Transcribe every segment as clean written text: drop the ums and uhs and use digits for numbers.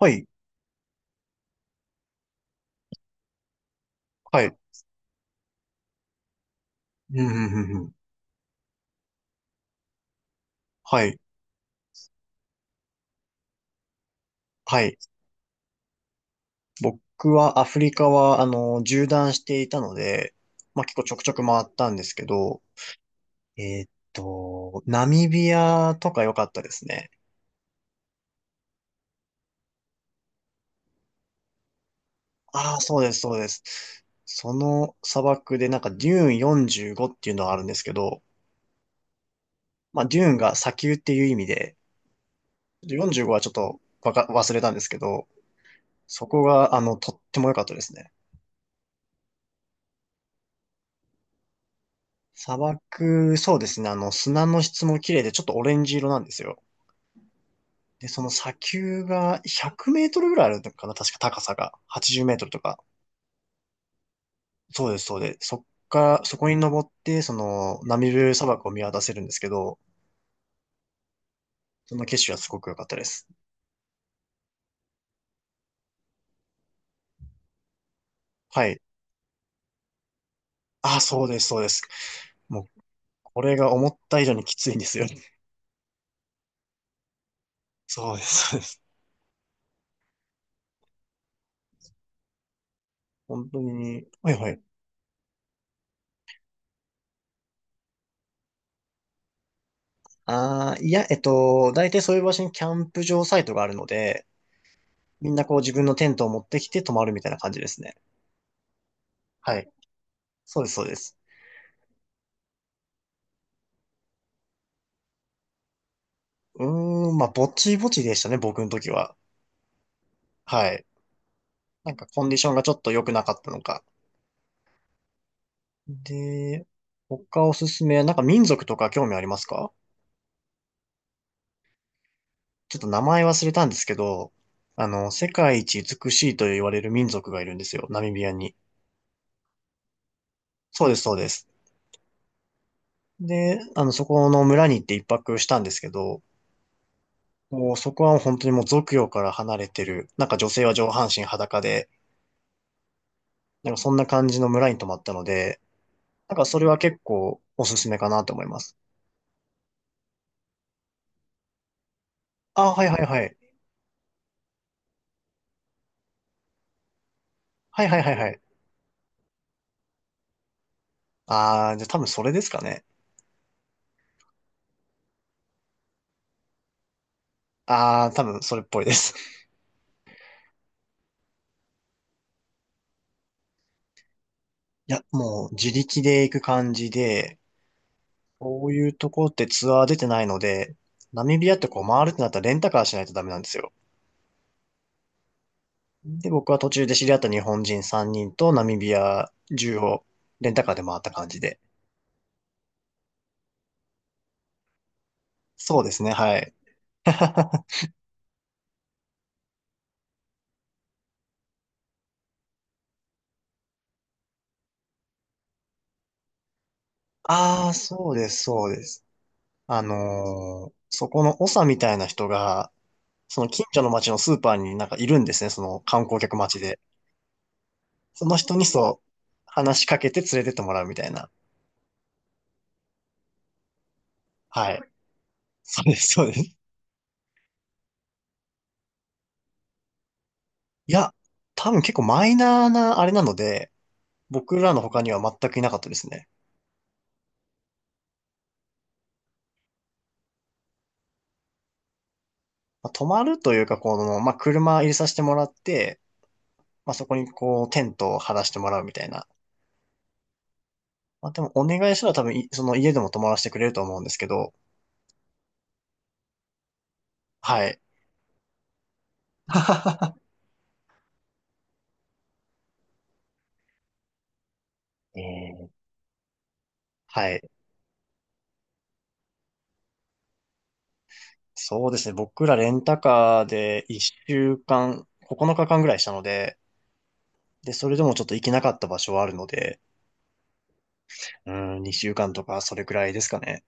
はい、はい、うんうんうんうん。はい、はい。僕はアフリカは、縦断していたので、まあ、結構ちょくちょく回ったんですけど、ナミビアとか良かったですね。ああ、そうです、そうです。その砂漠でなんかデューン45っていうのがあるんですけど、まあ、デューンが砂丘っていう意味で、45はちょっとわか、忘れたんですけど、そこが、とっても良かったですね。砂漠、そうですね。砂の質も綺麗で、ちょっとオレンジ色なんですよ。で、その砂丘が100メートルぐらいあるのかな、確か高さが。80メートルとか。そうです、そうです。そっから、そこに登って、ナミブ砂漠を見渡せるんですけど、その景色はすごく良かったです。はい。あ、そうです、そうです。もう、これが思った以上にきついんですよ。そうです、そうです。本当に、はいはい。ああ、いや、大体そういう場所にキャンプ場サイトがあるので、みんなこう自分のテントを持ってきて泊まるみたいな感じですね。はい。そうです、そうです。うーん、まあ、ぼちぼちでしたね、僕の時は。はい。なんかコンディションがちょっと良くなかったのか。で、他おすすめ、なんか民族とか興味ありますか？ちょっと名前忘れたんですけど、世界一美しいと言われる民族がいるんですよ、ナミビアに。そうです、そうです。で、そこの村に行って一泊したんですけど、もうそこは本当にもう俗世から離れてる、なんか女性は上半身裸で、なんかそんな感じの村に泊まったので、なんかそれは結構おすすめかなと思います。あ、はいはいはい。はいはいはいはい。あー、じゃあ多分それですかね。あー、多分それっぽいです。いや、もう自力で行く感じで、こういうとこってツアー出てないので、ナミビアってこう回るってなったらレンタカーしないとダメなんですよ。で、僕は途中で知り合った日本人3人とナミビア中をレンタカーで回った感じで。そうですね、はい。ああ、そうです、そうです。そこの長みたいな人が、その近所の町のスーパーになんかいるんですね、その観光客待ちで。その人にそう、話しかけて連れてってもらうみたいな。はい。そうです、そうです。いや、多分結構マイナーなあれなので、僕らの他には全くいなかったですね。まあ、泊まるというか、まあ、車入れさせてもらって、まあ、そこにこう、テントを張らせてもらうみたいな。まあ、でもお願いしたら多分その家でも泊まらせてくれると思うんですけど、はい。えーはい。そうですね。僕らレンタカーで1週間、9日間ぐらいしたので、で、それでもちょっと行けなかった場所はあるので、うん、2週間とかそれくらいですかね。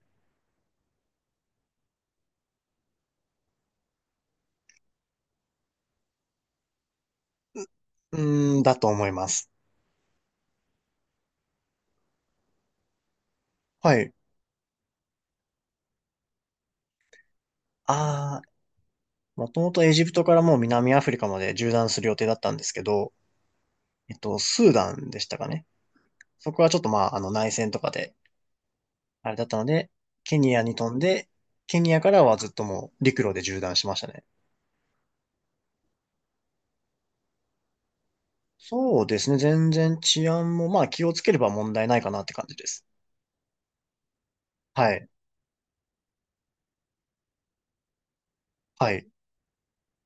うん、だと思います。はい。ああ、もともとエジプトからもう南アフリカまで縦断する予定だったんですけど、スーダンでしたかね。そこはちょっとまあ、内戦とかで、あれだったので、ケニアに飛んで、ケニアからはずっともう陸路で縦断しましたね。そうですね。全然治安も、まあ気をつければ問題ないかなって感じです。はい。はい。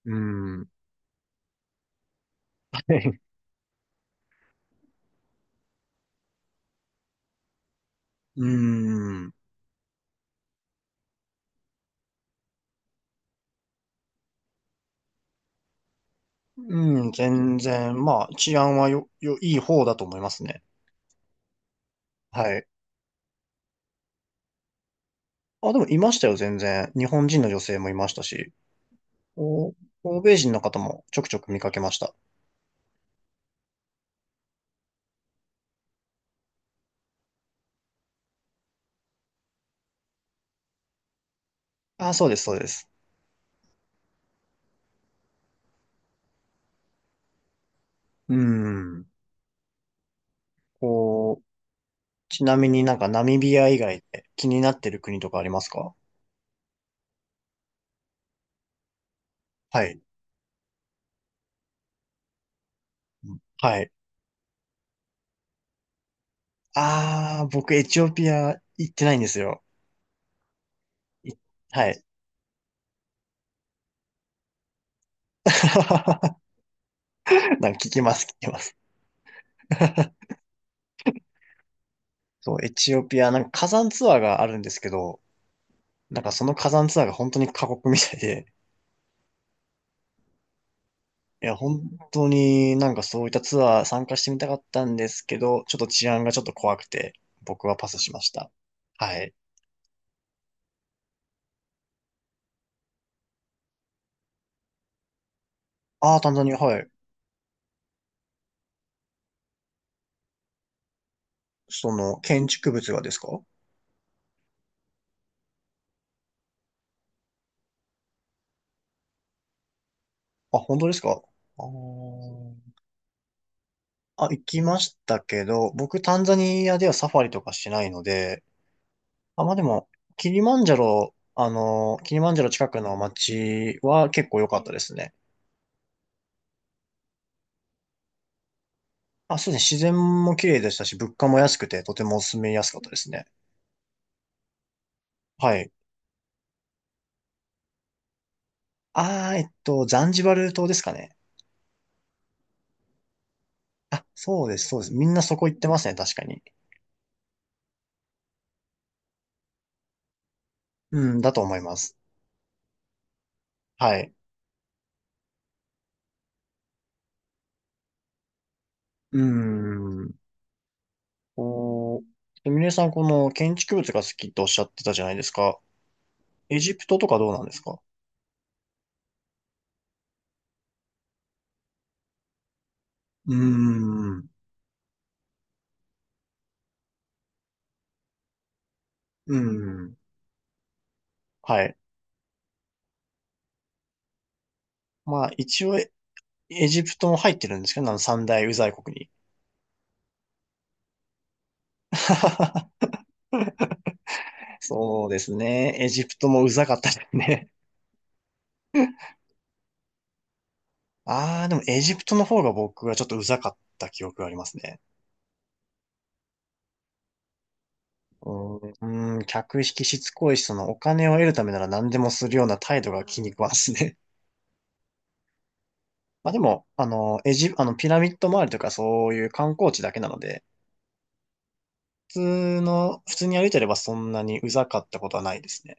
うん。うん。うん。全然、まあ治安はいい方だと思いますね。はい。あ、でもいましたよ、全然。日本人の女性もいましたし、お、欧米人の方もちょくちょく見かけました。あ、そうです、そうです。うん。こう、ちなみになんかナミビア以外で気になってる国とかありますか？はい。はい。ああ、僕エチオピア行ってないんですよ。いはい。なんか聞きます、聞きます。そう、エチオピア、なんか火山ツアーがあるんですけど、なんかその火山ツアーが本当に過酷みたいで、いや、本当になんかそういったツアー参加してみたかったんですけど、ちょっと治安がちょっと怖くて、僕はパスしました。はい。ああ、単純にはい。その、建築物がですか？あ、本当ですか？あーあ、行きましたけど、僕タンザニアではサファリとかしないので、あ、まあでも、キリマンジャロ、キリマンジャロ近くの街は結構良かったですね。あ、そうですね。自然も綺麗でしたし、物価も安くて、とても住みやすかったですね。はい。ザンジバル島ですかね。あ、そうです、そうです。みんなそこ行ってますね、確かに。うん、だと思います。はい。うーん。おー。ミネさん、この建築物が好きとおっしゃってたじゃないですか。エジプトとかどうなんですか？うーん。うーん。はい。まあ、一応、エジプトも入ってるんですけど、あの三大ウザい国に。そうですね。エジプトもウザかったですね。ああ、でもエジプトの方が僕はちょっとウザかった記憶がありますね。うーん、うーん、客引きしつこいし、そのお金を得るためなら何でもするような態度が気に食わんですね。まあでも、あの、エジ、あの、ピラミッド周りとかそういう観光地だけなので、普通に歩いてればそんなにうざかったことはないですね。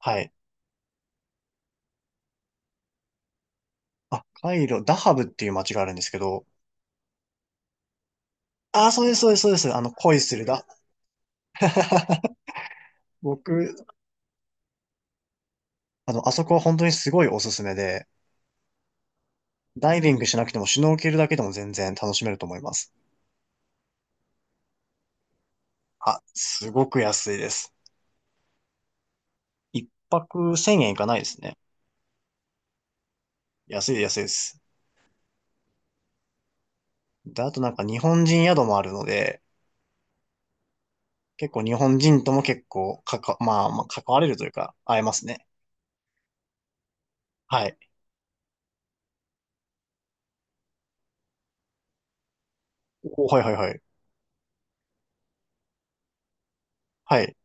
はい。あ、カイロ、ダハブっていう街があるんですけど、ああ、そうです、そうです、そうです。恋するだ。僕、あそこは本当にすごいおすすめで、ダイビングしなくてもシュノーケルだけでも全然楽しめると思います。あ、すごく安いです。一泊1000円いかないですね。安い、安いです。で、あとなんか日本人宿もあるので、結構日本人とも結構まあ、まあ、関われるというか、会えますね。はい。はいはいはい。はい。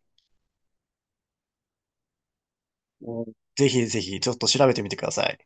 おぜひぜひ、ちょっと調べてみてください。